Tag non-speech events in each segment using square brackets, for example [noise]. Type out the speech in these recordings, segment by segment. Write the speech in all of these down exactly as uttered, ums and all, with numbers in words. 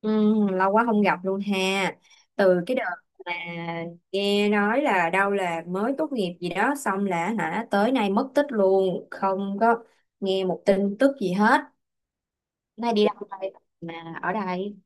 Ừ, lâu quá không gặp luôn ha. Từ cái đợt mà nghe nói là đâu là mới tốt nghiệp gì đó xong là hả tới nay mất tích luôn, không có nghe một tin tức gì hết. Nay đi đâu đây mà ở đây.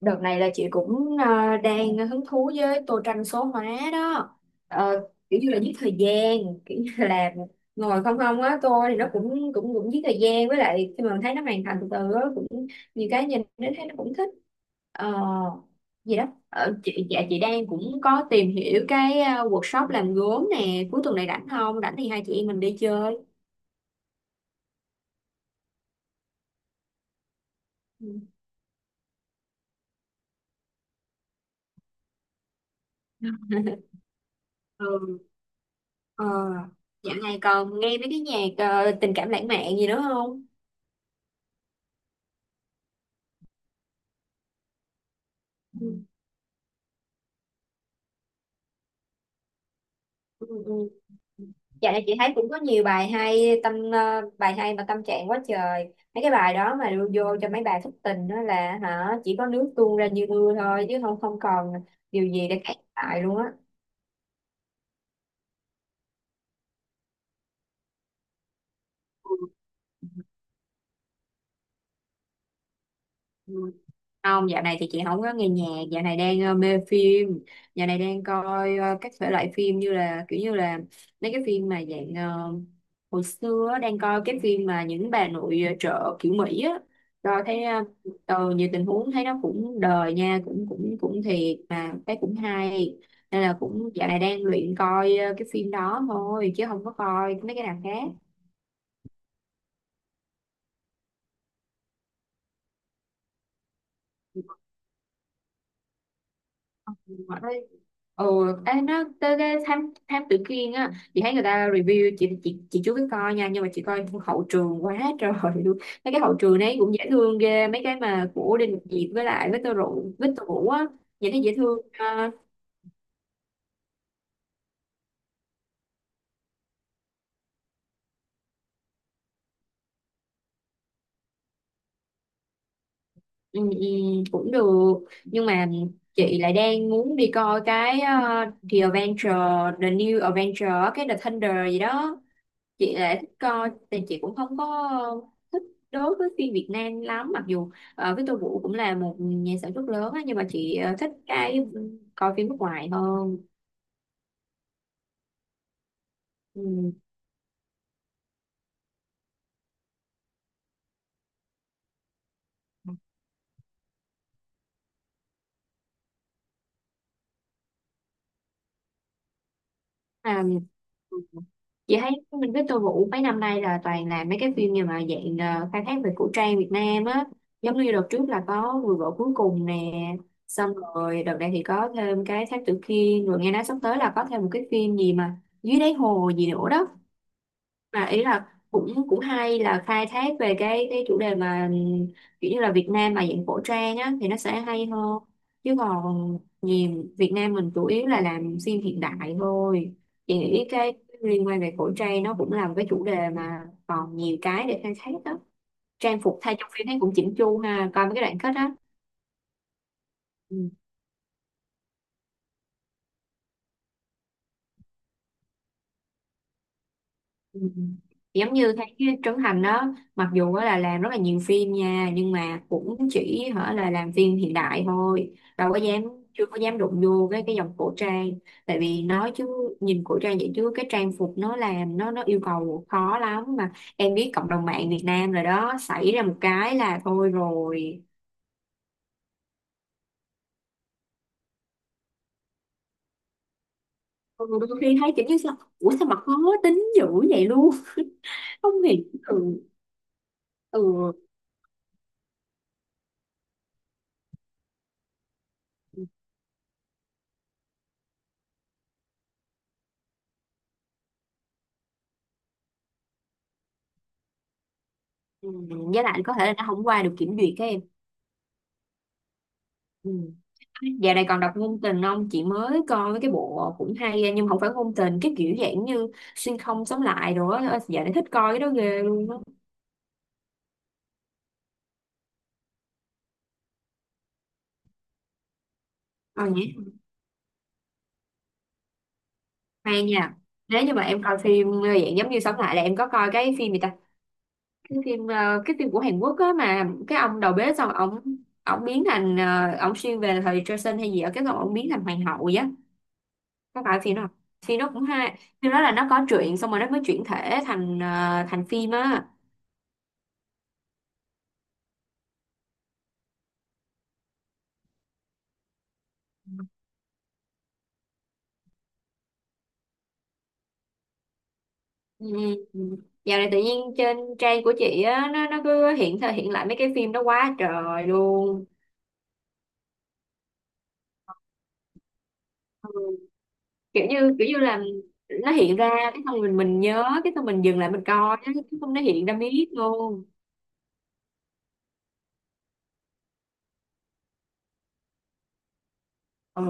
Đợt này là chị cũng ờ, đang hứng thú với tô tranh số hóa đó. Ờ, kiểu như là giết thời gian, kiểu như là ngồi không không á, tô thì nó cũng cũng cũng giết thời gian, với lại khi mà mình thấy nó hoàn thành từ từ á cũng nhiều, cái nhìn đến thấy nó cũng thích. Ờ, Gì đó. Ờ, chị dạ chị đang cũng có tìm hiểu cái ờ, workshop làm gốm nè, cuối tuần này rảnh không, rảnh thì hai chị em mình đi chơi. Ừ. Ừ. ờ Dạo này còn nghe mấy cái nhạc ờ, tình cảm lãng mạn gì nữa không? Ừ. Ừ, ừ. Dạo này chị thấy cũng có nhiều bài hay, tâm ờ, bài hay mà tâm trạng quá trời, mấy cái bài đó mà đưa vô cho mấy bài thất tình đó là hả chỉ có nước tuôn ra như mưa thôi, chứ không không còn điều gì để cãi lại luôn á. Ừ. Không, dạo này thì chị không có nghe nhạc, dạo này đang ờ, mê phim, dạo này đang coi ờ, các thể loại phim như là kiểu như là mấy cái phim mà dạng ờ, hồi xưa á, đang coi cái phim mà những bà nội ờ, chợ kiểu Mỹ á, rồi thấy ờ, ờ, nhiều tình huống thấy nó cũng đời nha, cũng cũng cũng thiệt mà thấy cũng hay, nên là cũng dạo này đang luyện coi ờ, cái phim đó thôi chứ không có coi mấy cái nào khác. ừ Ê, nó tới cái thám thám tử Kiên á, chị thấy người ta review chị, chị chị chưa có coi nha, nhưng mà chị coi hậu trường quá [laughs] trời luôn, mấy cái hậu trường đấy cũng dễ thương ghê, mấy cái mà của Đinh Ngọc Diệp với lại với Victor Vũ với Victor Vũ á, nhìn thấy dễ thương à. Ừ, ừ, cũng được, nhưng mà chị lại đang muốn đi coi cái uh, The Adventure The New Adventure, cái The Thunder gì đó, chị lại thích coi. Thì chị cũng không có thích đối với phim Việt Nam lắm, mặc dù ờ, Victor Vũ cũng là một nhà sản xuất lớn á, nhưng mà chị ờ, thích cái ừ, coi phim nước ngoài hơn. Ừ. À, chị thấy mình Victor Vũ mấy năm nay là toàn là mấy cái phim như mà dạng ờ, khai thác về cổ trang Việt Nam á, giống như đợt trước là có Người Vợ Cuối Cùng nè, xong rồi đợt này thì có thêm cái Thám Tử Kiên, rồi nghe nói sắp tới là có thêm một cái phim gì mà dưới đáy hồ gì nữa đó, mà ý là cũng cũng hay là khai thác về cái cái chủ đề mà kiểu như là Việt Nam mà dạng cổ trang á thì nó sẽ hay hơn, chứ còn nhiều Việt Nam mình chủ yếu là làm phim hiện đại thôi. Chị nghĩ cái liên quan về cổ trang nó cũng là một cái chủ đề mà còn nhiều cái để khai thác đó, trang phục thay trong phim thấy cũng chỉnh chu ha, coi mấy cái đoạn kết á. Ừ. Ừ. Giống như thấy cái Trấn Thành đó, mặc dù á là làm rất là nhiều phim nha, nhưng mà cũng chỉ hở là làm phim hiện đại thôi, đâu có dám chưa có dám đụng vô cái cái dòng cổ trang, tại vì nói chứ nhìn cổ trang vậy chứ cái trang phục nó làm nó nó yêu cầu khó lắm mà, em biết cộng đồng mạng Việt Nam rồi đó, xảy ra một cái là thôi rồi. Ừ, đôi khi thấy kiểu như sao ủa sao mà khó tính dữ vậy luôn, không hiểu. Ừ. Ừ. Ừ, với lại có thể là nó không qua được kiểm duyệt cái em. Ừ. Dạo này còn đọc ngôn tình không? Chị mới coi mấy cái bộ cũng hay á, nhưng mà không phải ngôn tình, cái kiểu dạng như xuyên không sống lại rồi á. Dạo này thích coi cái đó ghê luôn á. Ờ nhỉ, hay nha. Nếu như mà em coi phim ờ, dạng giống như sống lại, là em có coi cái phim gì ta? Cái phim ờ, cái phim của Hàn Quốc á, mà cái ông đầu bếp xong ông ông biến thành ờ, ông xuyên về thời Joseon hay gì ở cái, xong ông biến thành hoàng hậu vậy á. Có phải phim đó không? Phim đó cũng hay. Phim đó là nó có truyện xong rồi nó mới chuyển thể thành ờ, thành phim á. Ừ. Ừ. Dạo này tự nhiên trên trang của chị á, nó nó cứ hiện thời hiện lại mấy cái phim đó quá trời luôn. Ừ. kiểu như kiểu như là nó hiện ra cái, xong mình mình nhớ cái, xong mình dừng lại mình coi á, cái xong nó hiện ra miết luôn. Ừ.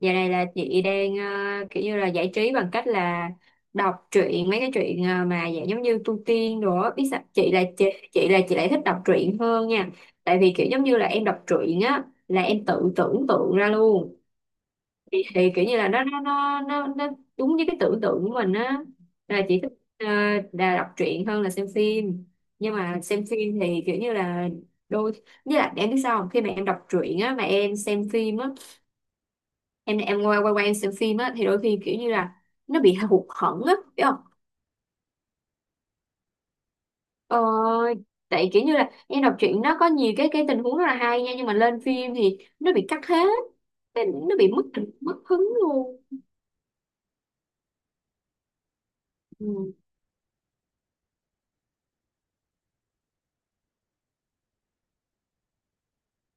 Giờ này là chị đang ờ, kiểu như là giải trí bằng cách là đọc truyện, mấy cái truyện ờ, mà dạng giống như tu tiên đồ á. Biết sao chị, là chị, chị là chị lại thích đọc truyện hơn nha, tại vì kiểu giống như là em đọc truyện á là em tự tưởng tượng ra luôn, thì, thì kiểu như là nó nó nó nó, nó đúng với cái tưởng tượng của mình á, là chị thích ờ, là đọc truyện hơn là xem phim, nhưng mà xem phim thì kiểu như là đôi với lại em biết sao không, khi mà em đọc truyện á mà em xem phim á, em em quay quay qua em xem phim á thì đôi khi kiểu như là nó bị hụt hẫng á, biết không? ờ, Tại kiểu như là em đọc truyện nó có nhiều cái cái tình huống rất là hay nha, nhưng mà lên phim thì nó bị cắt hết, tại nó bị mất mất hứng luôn. Ừ.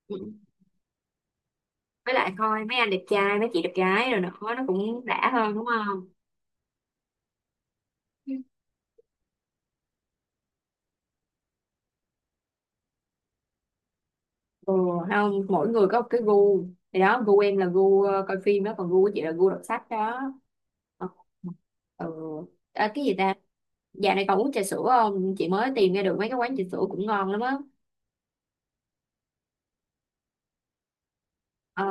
Ừ. Với lại coi mấy anh đẹp trai, mấy chị đẹp gái rồi nữa, nó cũng đã hơn, đúng không? Ừ. Không, mỗi người có một cái gu, thì đó, gu em là gu ờ, coi phim đó, còn gu của chị là gu đọc sách đó. Ừ. Ừ. À, cái gì ta. Dạo này còn uống trà sữa không? Chị mới tìm ra được mấy cái quán trà sữa cũng ngon lắm á. Ờ,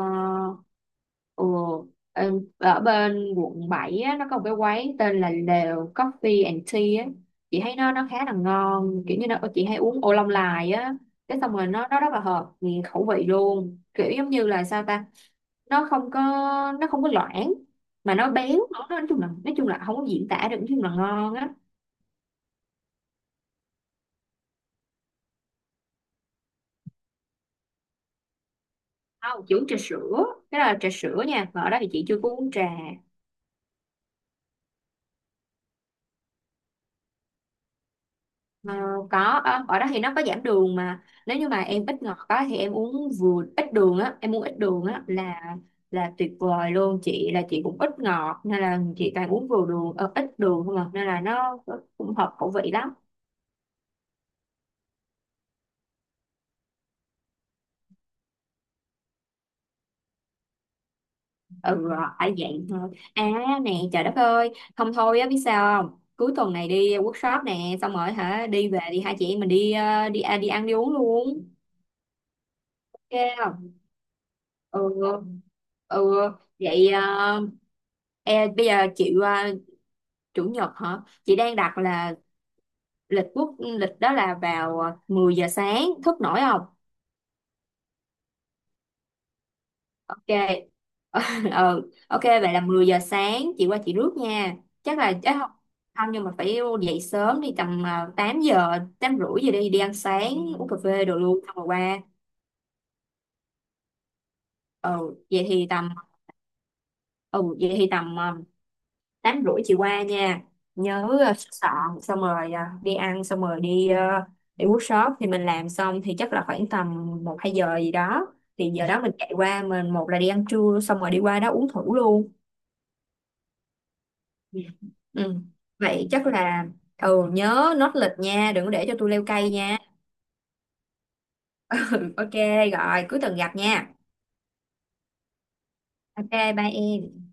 ừ, em- ở bên quận bảy á, nó có một cái quán tên là Lều Coffee and Tea á. Chị thấy nó nó khá là ngon, kiểu như nó, chị hay uống ô long lài á. Cái xong rồi nó nó rất là hợp nghiền khẩu vị luôn. Kiểu giống như là sao ta? Nó không có nó không có loãng mà nó béo nữa. Nói chung là nói chung là không có diễn tả được, nói chung là ngon á. Không, chị uống trà sữa, cái đó là trà sữa nha. Mà ở đó thì chị chưa có uống trà. Ờ, có, ở, ở đó thì nó có giảm đường, mà nếu như mà em ít ngọt quá thì em uống vừa ít đường á em uống ít đường á là là tuyệt vời luôn. Chị là chị cũng ít ngọt, nên là chị toàn uống vừa đường ờ, ít đường không à, nên là nó cũng hợp khẩu vị lắm. Ừ. Ở dạng thôi. À, nè trời đất ơi, không thôi á, biết sao không, cuối tuần này đi workshop nè xong rồi hả đi về đi, hai chị em mình đi ờ, đi à, đi ăn, đi uống luôn. Ok. Ừ. Ừ. Vậy ờ, e, bây giờ chị qua chủ nhật hả, chị đang đặt là lịch quốc lịch đó là vào ờ, mười giờ sáng, thức nổi không? Ok. [laughs] Ừ, ok, vậy là mười giờ sáng chị qua chị rước nha. Chắc là chắc không không, nhưng mà phải dậy sớm, đi tầm ờ, tám giờ tám rưỡi giờ, đi đi ăn sáng, uống cà phê đồ luôn, xong rồi qua. Ừ vậy thì tầm ừ vậy thì tầm ờ, tám rưỡi chị qua nha. Nhớ ờ, sửa soạn, xong rồi ờ, đi ăn, xong rồi đi ờ, đi workshop, thì mình làm xong thì chắc là khoảng tầm một hai giờ gì đó, thì giờ đó mình chạy qua, mình một là đi ăn trưa, xong rồi đi qua đó uống thử luôn. Ừ. Ừ. Vậy chắc là, ừ nhớ nốt lịch nha, đừng có để cho tôi leo cây nha. [laughs] Ừ, ok. Rồi cuối tuần gặp nha. Ok, bye em.